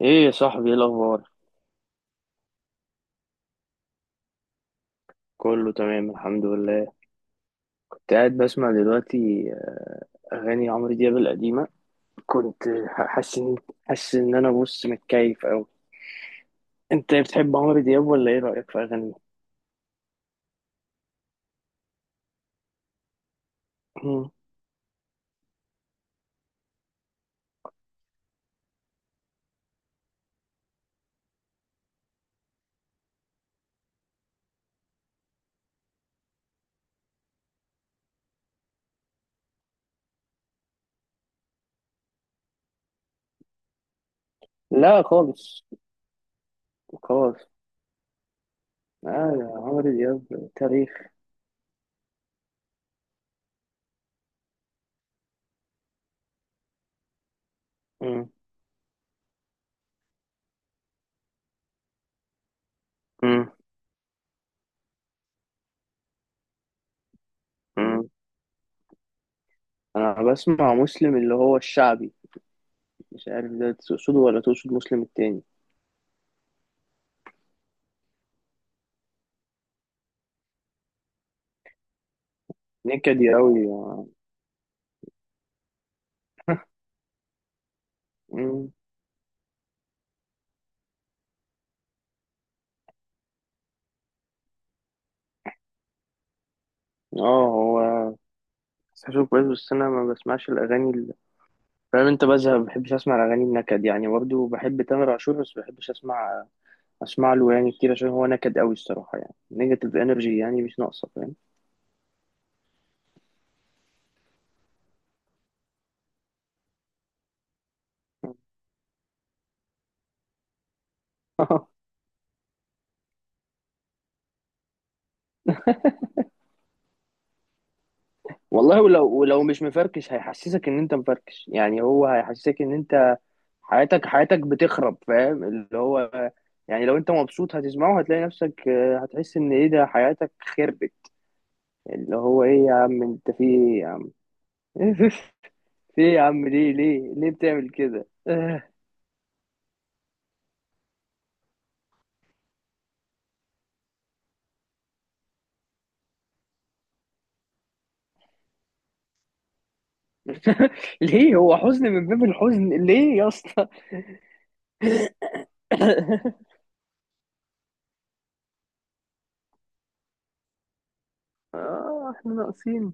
ايه يا صاحبي، ايه الاخبار؟ كله تمام الحمد لله. كنت قاعد بسمع دلوقتي اغاني عمرو دياب القديمه. كنت حاسس ان حاسس ان انا بص متكيف اوي. انت بتحب عمرو دياب ولا ايه رايك في اغانيه؟ مم. لا خالص، خالص. لا يا عمرو دياب تاريخ. مم. مم. مم. انا بسمع مسلم اللي هو الشعبي، مش عارف ده تقصده ولا تقصد مسلم التاني. نكد يا اوي. مم. اه هو بس أشوف كويس، بس أنا ما بسمعش الأغاني. فاهم، انت بزهق، ما بحبش اسمع الاغاني النكد، يعني برضه بحب تامر عاشور بس ما بحبش اسمع، اسمع له يعني كتير عشان هو نكد قوي الصراحه، يعني نيجاتيف انرجي يعني مش ناقصه فاهم. والله ولو مش مفركش هيحسسك ان انت مفركش، يعني هو هيحسسك ان انت حياتك بتخرب فاهم اللي هو، يعني لو انت مبسوط هتسمعه هتلاقي نفسك آه، هتحس ان ايه ده حياتك خربت. اللي هو ايه يا عم، انت في ايه يا عم؟ في ايه يا عم؟ ليه بتعمل كده؟ ليه هو حزن من باب الحزن ليه يا اسطى؟ اه احنا ناقصين.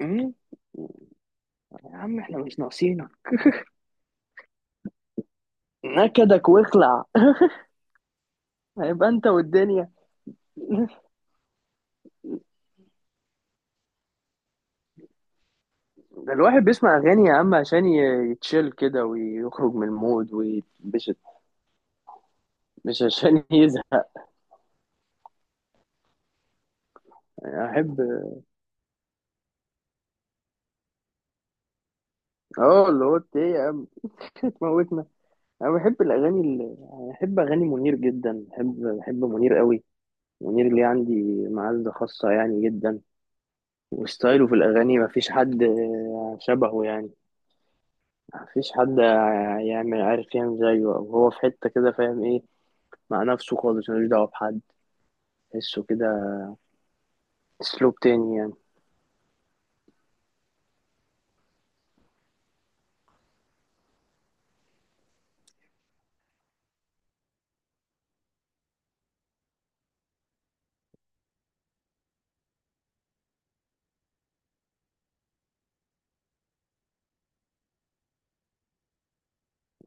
مم؟ يا عم احنا مش ناقصينك، نكدك واخلع. هيبقى انت والدنيا. ده الواحد بيسمع اغاني يا عم عشان يتشيل كده ويخرج من المود ويتبسط، مش عشان يزهق. احب. اه اللي هو إنت ايه يا عم؟ تموتنا. انا بحب الاغاني اللي... بحب اغاني منير جدا، بحب منير قوي. منير اللي عندي معزة خاصة يعني جدا. وستايله في الأغاني مفيش حد آه، شبهه يعني. مفيش حد يعمل، عارف، يعمل زيه، أو هو في حتة كده فاهم إيه، مع نفسه خالص ملوش دعوة بحد، تحسه كده، أسلوب تاني يعني.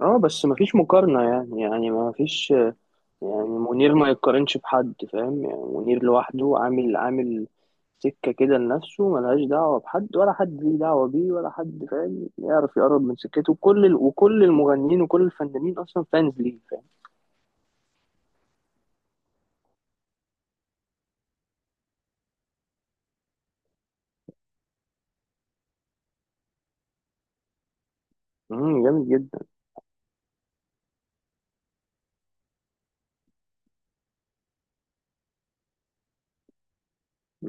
اه بس مفيش مقارنة يعني، مفيش يعني، منير ما يتقارنش بحد فاهم. يعني منير لوحده عامل سكة كده لنفسه، ملهاش دعوة بحد ولا حد ليه دعوة بيه، ولا حد فاهم يعرف يقرب من سكته، وكل المغنيين وكل الفنانين أصلا فانز ليه فاهم. مم، جامد جدا.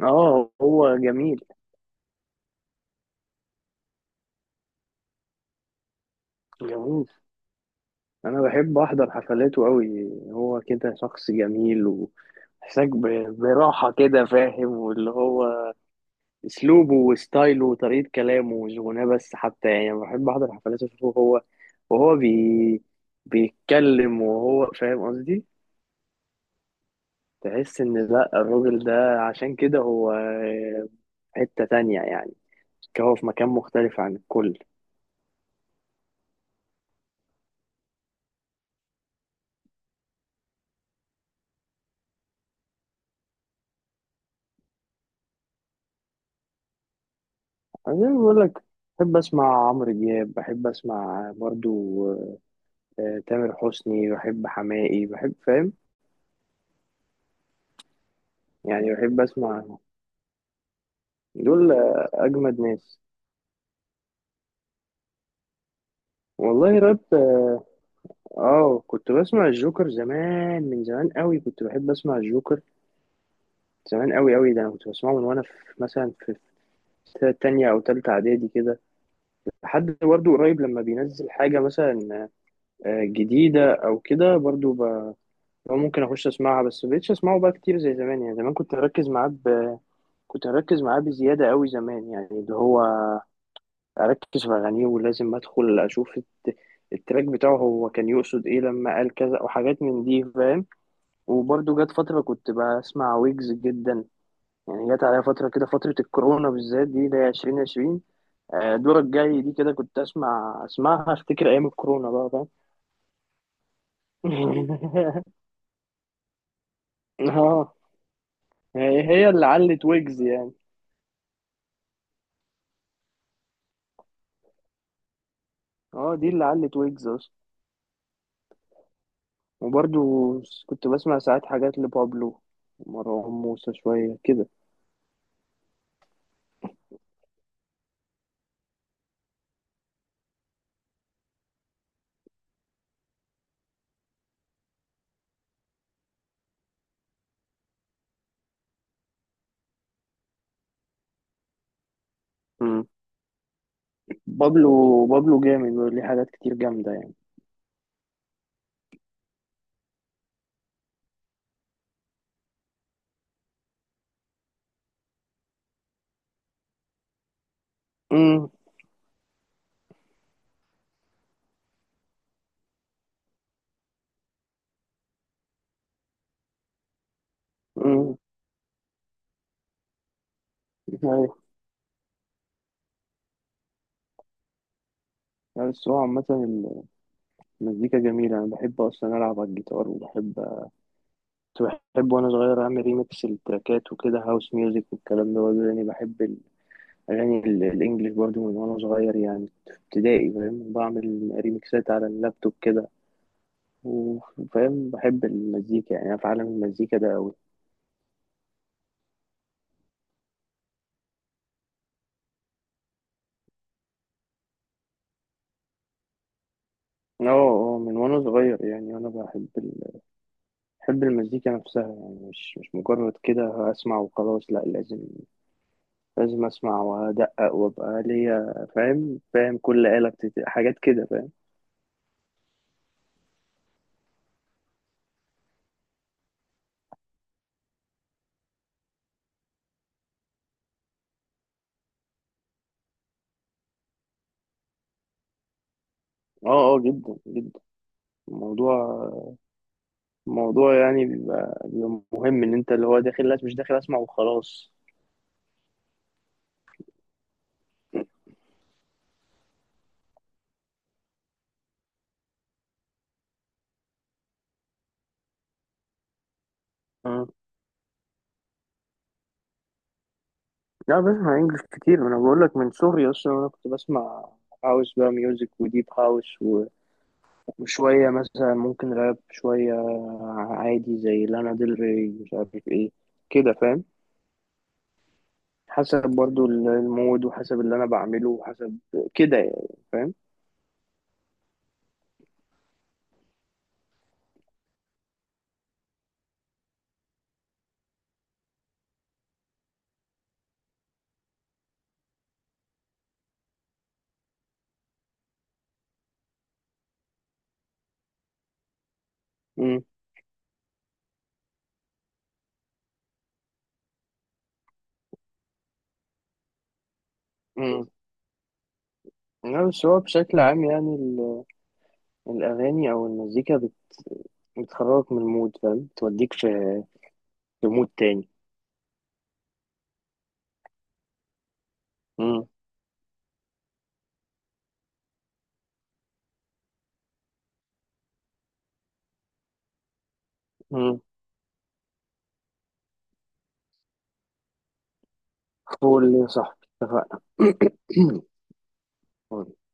اه هو جميل. جميل. انا بحب احضر حفلاته قوي، هو كده شخص جميل وحساك براحة كده فاهم، واللي هو اسلوبه وستايله وطريقة كلامه مش غناه بس حتى يعني. أنا بحب احضر حفلاته اشوفه هو وهو بيتكلم، وهو فاهم قصدي. تحس ان لا الراجل ده عشان كده هو في حتة تانية يعني، هو في مكان مختلف عن الكل. أنا زي ما بقول لك، بحب أسمع عمرو دياب، بحب أسمع برضو آه، تامر حسني، بحب حماقي، بحب فاهم، يعني بحب أسمع دول آه، أجمد ناس. والله راب اه، آه، كنت بسمع الجوكر زمان، من زمان قوي كنت بحب أسمع الجوكر، زمان قوي قوي، ده أنا كنت بسمعه من وأنا في مثلا في، في تانية أو تالتة إعدادي كده، لحد برضو قريب لما بينزل حاجة مثلا آه، جديدة أو كده برضو. هو ممكن اخش اسمعها بس مبقتش اسمعه بقى كتير زي زمان يعني. زمان كنت اركز معاه كنت اركز معاه بزياده قوي زمان، يعني اللي هو اركز في اغانيه ولازم ادخل اشوف التراك بتاعه، هو كان يقصد ايه لما قال كذا وحاجات من دي فاهم. وبرده جت فتره كنت بسمع ويجز جدا يعني، جت عليا فتره كده، فتره الكورونا بالذات دي اللي هي 2020. آه، دورك جاي دي كده كنت اسمع، اسمعها افتكر ايام الكورونا بقى فاهم. اه هي هي اللي علت ويجز يعني. اه دي اللي علت ويجز اصلا. وبرضو كنت بسمع ساعات حاجات لبابلو ومروان موسى شوية كده. مم. بابلو. بابلو جامد وليه حاجات كتير جامدة يعني. امم. امم. ايوه. بس هو عامة المزيكا جميلة. أنا بحب أصلا ألعب على الجيتار وبحب، كنت بحب وأنا صغير أعمل ريميكس للتراكات وكده، هاوس ميوزك والكلام ده برضه يعني. بحب الأغاني الإنجليش برضه من وأنا صغير، يعني في ابتدائي فاهم، بعمل ريميكسات على اللابتوب كده، وفاهم بحب المزيكا يعني. أنا في عالم المزيكا ده أوي. اه، اه من وأنا صغير يعني. بحب المزيكا نفسها يعني، مش مش مجرد كده أسمع وخلاص، لأ لازم، لازم أسمع وأدقق وأبقى ليا فاهم، فاهم كل آلة حاجات كده فاهم. اه، اه جدا جدا. الموضوع الموضوع يعني بيبقى مهم إن أنت اللي هو داخل، لا مش داخل أسمع وخلاص. لا بسمع انجلش كتير، ما انا بقول لك من صغري اصلا انا كنت بسمع هاوس بقى ميوزك وديب هاوس وشويه مثلا ممكن راب شويه، عادي زي لانا ديل ري مش عارف ايه كده فاهم. حسب برضو المود وحسب اللي انا بعمله وحسب كده يعني فاهم. امم. امم. لا بس هو بشكل عام يعني الاغاني او المزيكا بتخرجك من المود فاهم، توديك في في مود تاني. امم. امم. فول يا صاحبي، اتفقنا.